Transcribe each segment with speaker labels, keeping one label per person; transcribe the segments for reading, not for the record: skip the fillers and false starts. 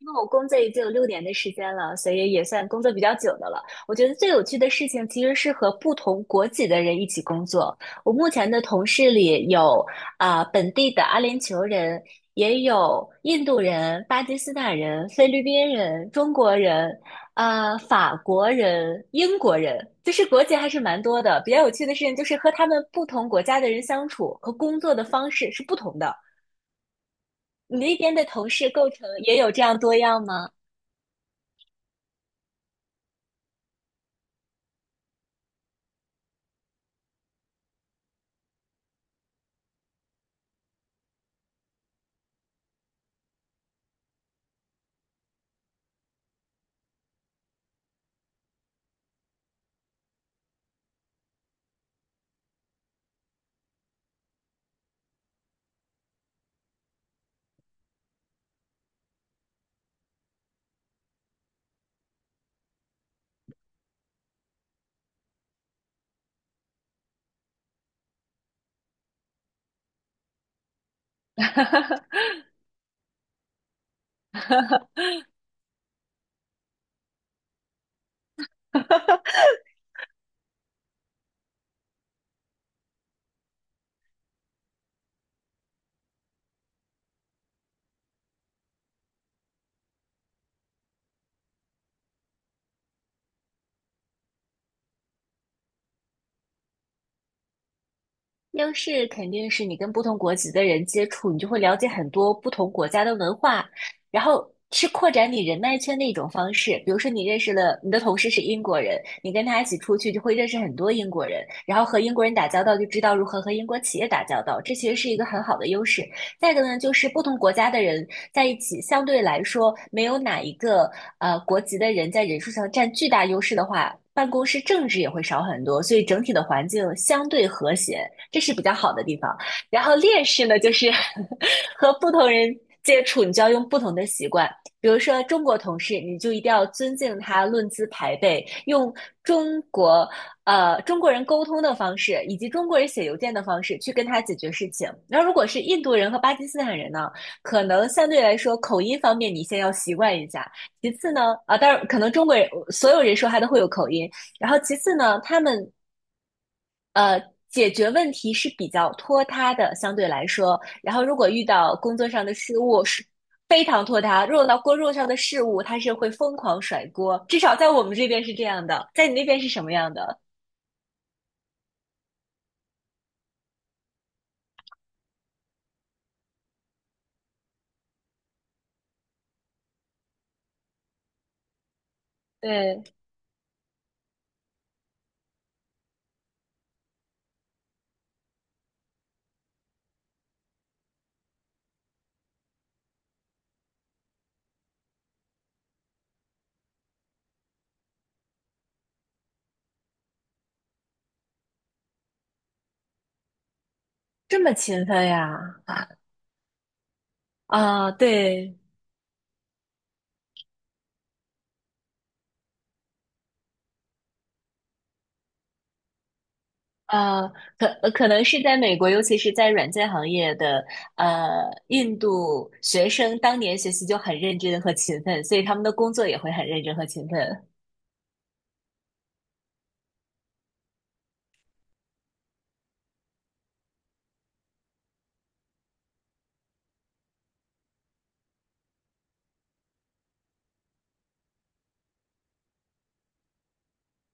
Speaker 1: 因为我工作已经有6年的时间了，所以也算工作比较久的了。我觉得最有趣的事情其实是和不同国籍的人一起工作。我目前的同事里有本地的阿联酋人，也有印度人、巴基斯坦人、菲律宾人、中国人、法国人、英国人，就是国籍还是蛮多的。比较有趣的事情就是和他们不同国家的人相处和工作的方式是不同的。你那边的同事构成也有这样多样吗？优势肯定是你跟不同国籍的人接触，你就会了解很多不同国家的文化，然后是扩展你人脉圈的一种方式。比如说，你认识了你的同事是英国人，你跟他一起出去就会认识很多英国人，然后和英国人打交道就知道如何和英国企业打交道，这其实是一个很好的优势。再一个呢，就是不同国家的人在一起，相对来说，没有哪一个国籍的人在人数上占巨大优势的话，办公室政治也会少很多，所以整体的环境相对和谐，这是比较好的地方。然后劣势呢，就是 和不同人接触，你就要用不同的习惯。比如说中国同事，你就一定要尊敬他，论资排辈，用中国中国人沟通的方式，以及中国人写邮件的方式去跟他解决事情。那如果是印度人和巴基斯坦人呢，可能相对来说口音方面你先要习惯一下，其次呢，当然可能中国人所有人说话都会有口音，然后其次呢，他们呃。解决问题是比较拖沓的，相对来说。然后，如果遇到工作上的失误，是非常拖沓；如果到工作上的事物，他是会疯狂甩锅。至少在我们这边是这样的，在你那边是什么样的？对，这么勤奋呀？啊，啊对，啊，可能是在美国，尤其是在软件行业的印度学生，当年学习就很认真和勤奋，所以他们的工作也会很认真和勤奋。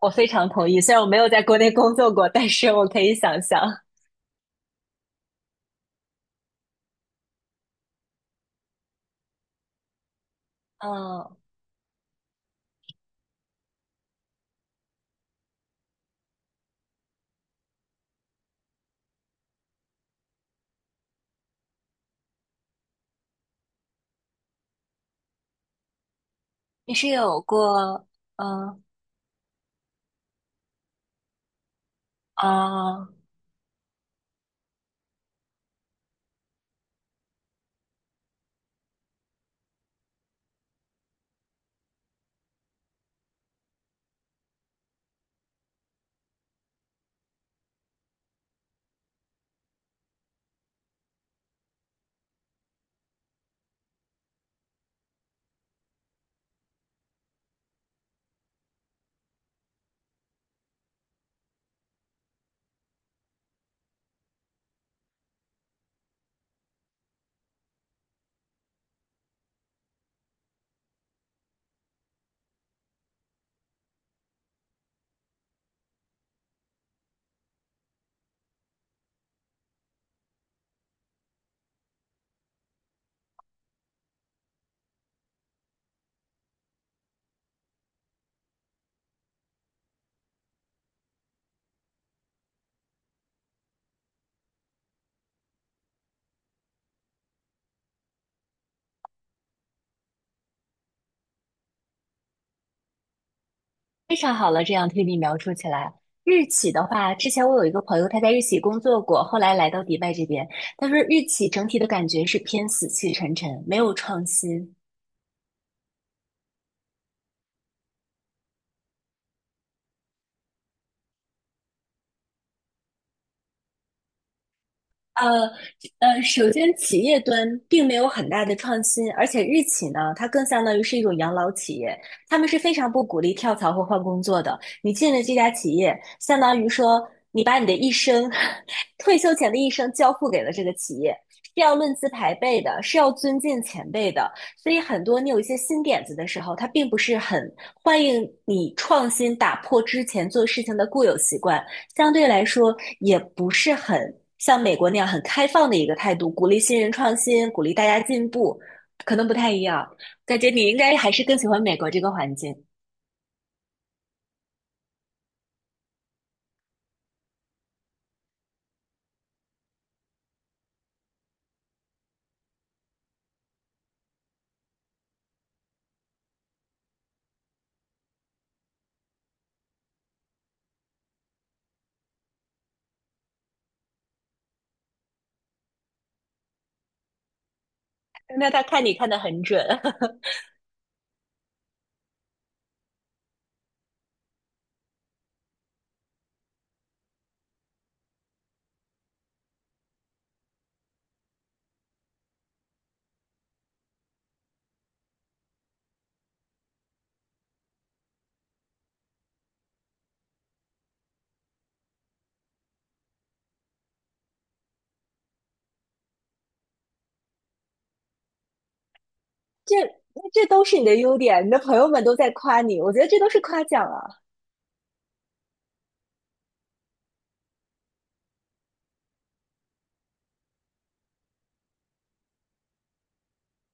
Speaker 1: 我非常同意，虽然我没有在国内工作过，但是我可以想象。嗯、你是有过，嗯、啊。非常好了，这样听你描述起来，日企的话，之前我有一个朋友，他在日企工作过，后来来到迪拜这边，他说日企整体的感觉是偏死气沉沉，没有创新，呃首先企业端并没有很大的创新，而且日企呢，它更相当于是一种养老企业，他们是非常不鼓励跳槽或换工作的。你进了这家企业，相当于说你把你的一生，退休前的一生交付给了这个企业，是要论资排辈的，是要尊敬前辈的。所以很多你有一些新点子的时候，它并不是很欢迎你创新打破之前做事情的固有习惯，相对来说也不是很像美国那样很开放的一个态度，鼓励新人创新，鼓励大家进步，可能不太一样。感觉你应该还是更喜欢美国这个环境。那他看你看的很准 这这都是你的优点，你的朋友们都在夸你，我觉得这都是夸奖啊，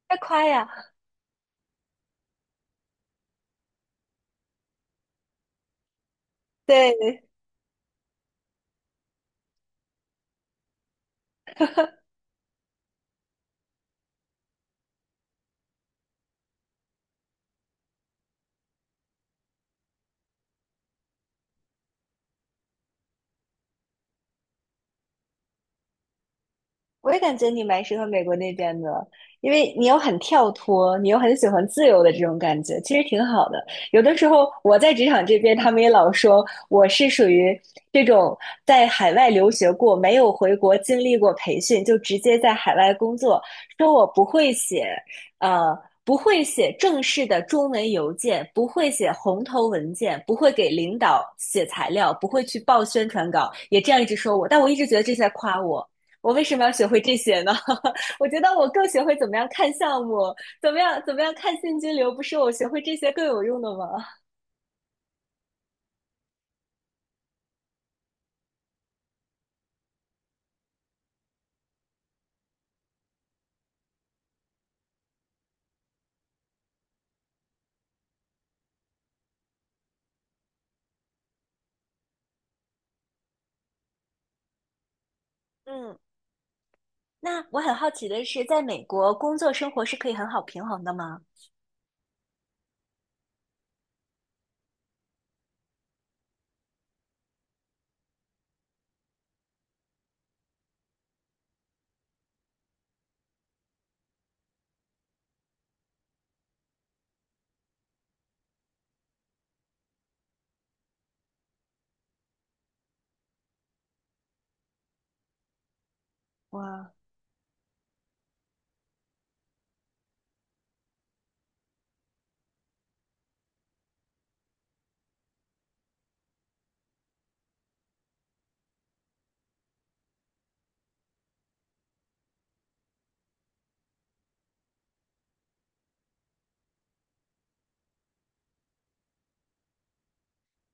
Speaker 1: 在夸呀。对，我也感觉你蛮适合美国那边的，因为你又很跳脱，你又很喜欢自由的这种感觉，其实挺好的。有的时候我在职场这边，他们也老说我是属于这种在海外留学过，没有回国经历过培训，就直接在海外工作，说我不会写，呃，不会写正式的中文邮件，不会写红头文件，不会给领导写材料，不会去报宣传稿，也这样一直说我，但我一直觉得这是在夸我。我为什么要学会这些呢？我觉得我更学会怎么样看项目，怎么样怎么样看现金流，不是我学会这些更有用的吗？嗯，那我很好奇的是，在美国工作生活是可以很好平衡的吗？哇，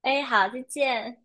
Speaker 1: 哎，好，再见。